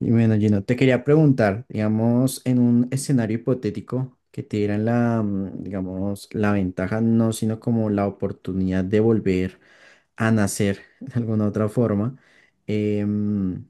Y bueno, Gino, te quería preguntar, digamos, en un escenario hipotético que te dieran la, digamos, la ventaja, no, sino como la oportunidad de volver a nacer de alguna otra forma. em,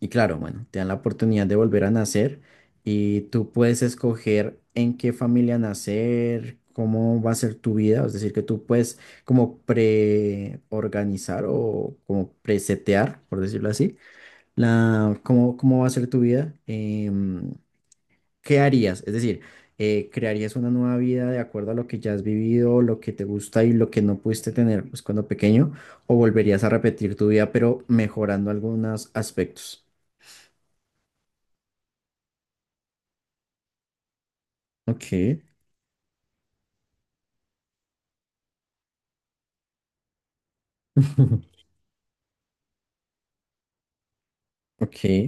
y claro, bueno, te dan la oportunidad de volver a nacer y tú puedes escoger en qué familia nacer, cómo va a ser tu vida, es decir, que tú puedes como preorganizar o como presetear, por decirlo así la, cómo va a ser tu vida. ¿Qué harías? Es decir, ¿crearías una nueva vida de acuerdo a lo que ya has vivido, lo que te gusta y lo que no pudiste tener pues, cuando pequeño? ¿O volverías a repetir tu vida pero mejorando algunos aspectos? Ok. Ok,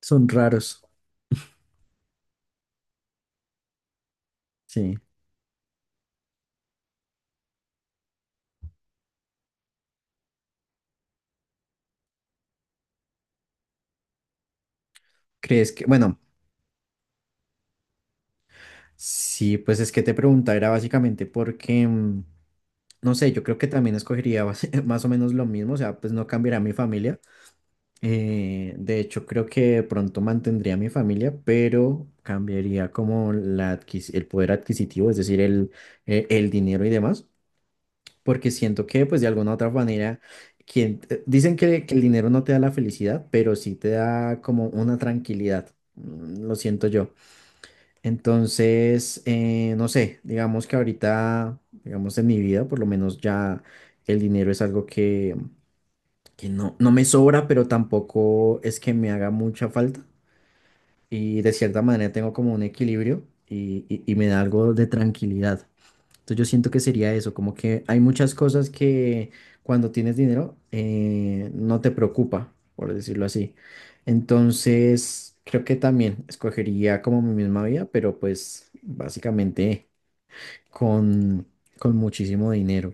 son raros, sí. ¿Crees que, bueno, sí, pues es que te preguntaba, era básicamente porque, no sé, yo creo que también escogería más o menos lo mismo, o sea, pues no cambiará mi familia. De hecho, creo que de pronto mantendría a mi familia, pero cambiaría como la el poder adquisitivo, es decir, el dinero y demás, porque siento que, pues, de alguna u otra manera, quien, dicen que el dinero no te da la felicidad, pero sí te da como una tranquilidad, lo siento yo. Entonces, no sé, digamos que ahorita, digamos en mi vida, por lo menos ya el dinero es algo que no, no me sobra, pero tampoco es que me haga mucha falta. Y de cierta manera tengo como un equilibrio y, y me da algo de tranquilidad. Entonces yo siento que sería eso, como que hay muchas cosas que cuando tienes dinero no te preocupa, por decirlo así. Entonces creo que también escogería como mi misma vida, pero pues básicamente con, con muchísimo dinero.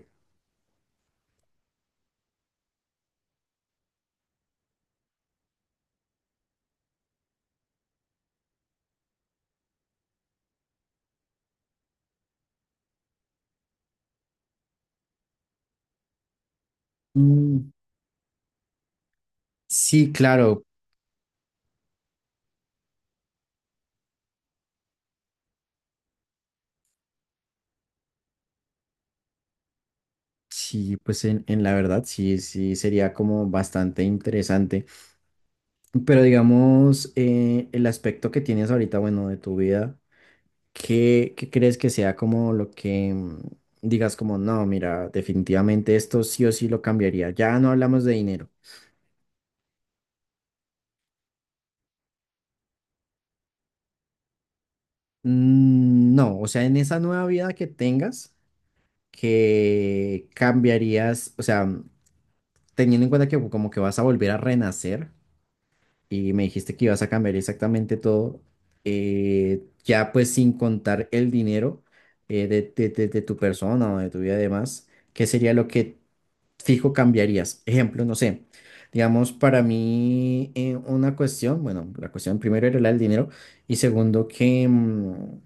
Mm. Sí, claro. Sí, pues en la verdad sí, sí sería como bastante interesante. Pero digamos, el aspecto que tienes ahorita, bueno, de tu vida, ¿qué, qué crees que sea como lo que digas como, no, mira, definitivamente esto sí o sí lo cambiaría? Ya no hablamos de dinero. Mm. No, o sea, en esa nueva vida que tengas, que cambiarías, o sea, teniendo en cuenta que como que vas a volver a renacer. Y me dijiste que ibas a cambiar exactamente todo, ya pues sin contar el dinero, de, de tu persona o de tu vida y demás, ¿qué sería lo que fijo cambiarías? Ejemplo, no sé, digamos, para mí una cuestión, bueno, la cuestión primero era la del dinero y segundo que,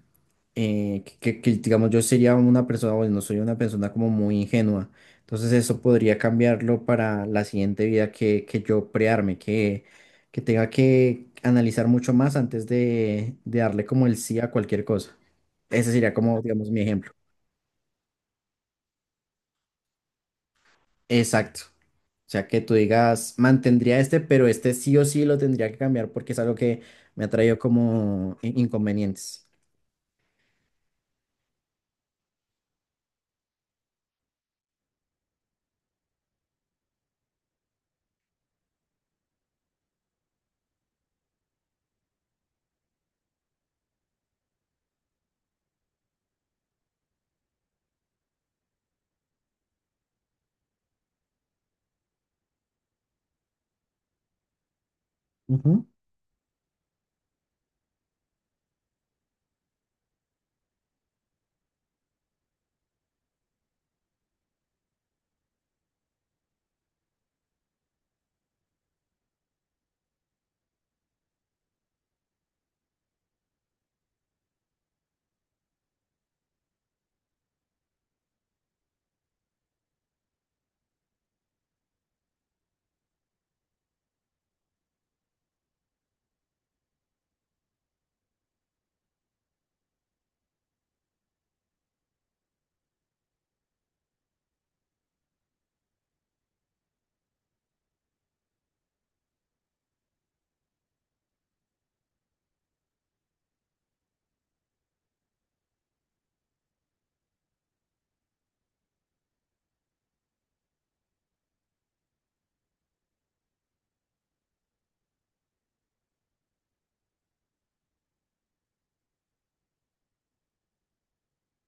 que, que, digamos, yo sería una persona, bueno, no soy una persona como muy ingenua, entonces eso podría cambiarlo para la siguiente vida que yo prearme, que tenga que analizar mucho más antes de darle como el sí a cualquier cosa. Ese sería como, digamos, mi ejemplo. Exacto. O sea, que tú digas, mantendría este, pero este sí o sí lo tendría que cambiar porque es algo que me ha traído como inconvenientes. Ujú.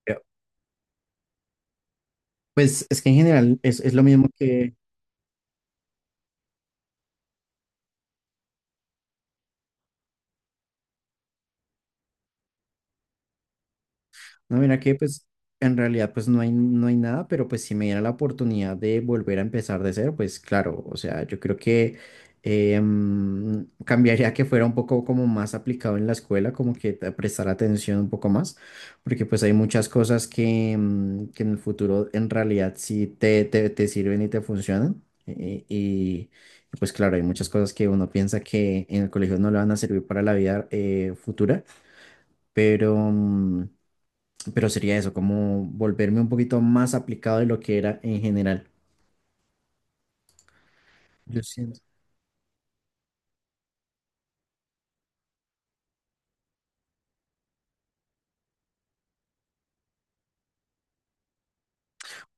Pero, pues es que en general es lo mismo que. No, mira que pues en realidad pues no hay, no hay nada, pero pues si me diera la oportunidad de volver a empezar de cero, pues claro, o sea, yo creo que cambiaría que fuera un poco como más aplicado en la escuela, como que prestar atención un poco más, porque pues hay muchas cosas que, que en el futuro en realidad sí te sirven y te funcionan. Y pues claro, hay muchas cosas que uno piensa que en el colegio no le van a servir para la vida futura, pero... pero sería eso, como volverme un poquito más aplicado de lo que era en general. Yo siento.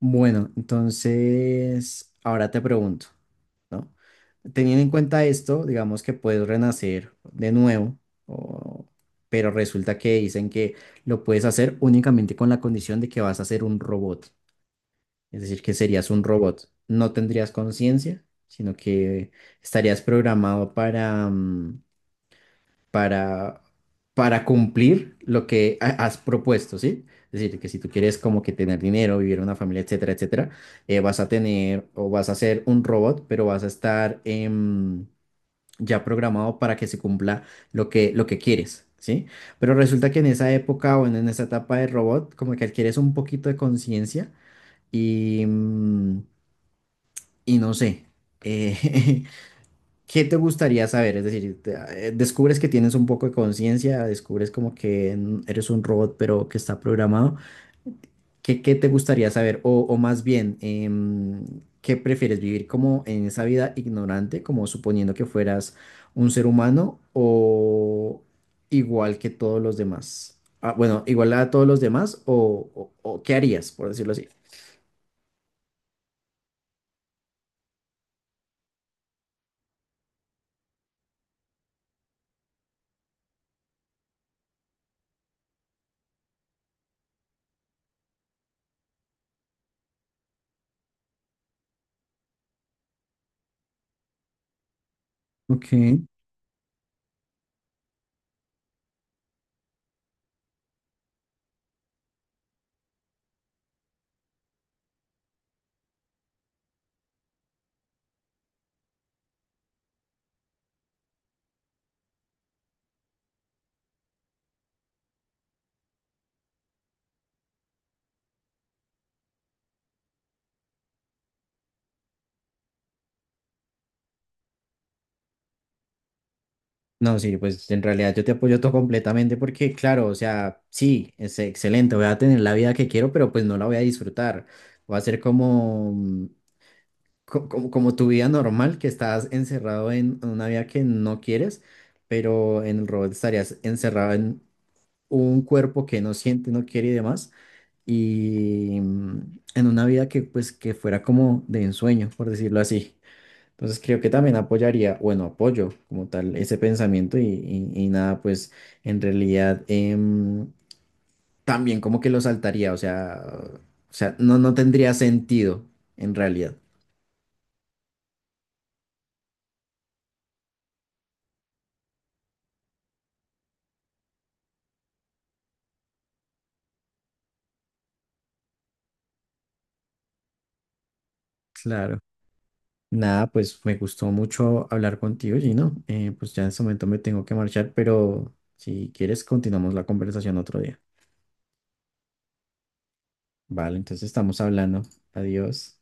Bueno, entonces, ahora te pregunto, ¿no? Teniendo en cuenta esto, digamos que puedes renacer de nuevo, o- pero resulta que dicen que lo puedes hacer únicamente con la condición de que vas a ser un robot, es decir, que serías un robot. No tendrías conciencia, sino que estarías programado para, para, para cumplir lo que has propuesto, ¿sí? Es decir, que si tú quieres como que tener dinero, vivir en una familia, etcétera, etcétera, vas a tener o vas a ser un robot, pero vas a estar ya programado para que se cumpla lo que quieres, ¿sí? Pero resulta que en esa época o en esa etapa de robot, como que adquieres un poquito de conciencia y, y no sé. eh, ¿Qué te gustaría saber? Es decir, descubres que tienes un poco de conciencia, descubres como que eres un robot, pero que está programado. ¿Qué, qué te gustaría saber? O más bien, ¿qué prefieres vivir como en esa vida ignorante, como suponiendo que fueras un ser humano o igual que todos los demás? Ah, bueno, igual a todos los demás o, o ¿qué harías, por decirlo así? Ok. No, sí, pues en realidad yo te apoyo todo completamente porque, claro, o sea, sí, es excelente, voy a tener la vida que quiero, pero pues no la voy a disfrutar. Va a ser como, como, como tu vida normal, que estás encerrado en una vida que no quieres, pero en el robot estarías encerrado en un cuerpo que no siente, no quiere y demás, y en una vida que pues que fuera como de ensueño, por decirlo así. Entonces creo que también apoyaría, bueno, apoyo como tal ese pensamiento y, y nada, pues en realidad em, también como que lo saltaría, o sea, no, no tendría sentido en realidad. Claro. Nada, pues me gustó mucho hablar contigo, Gino. Pues ya en este momento me tengo que marchar, pero si quieres continuamos la conversación otro día. Vale, entonces estamos hablando. Adiós.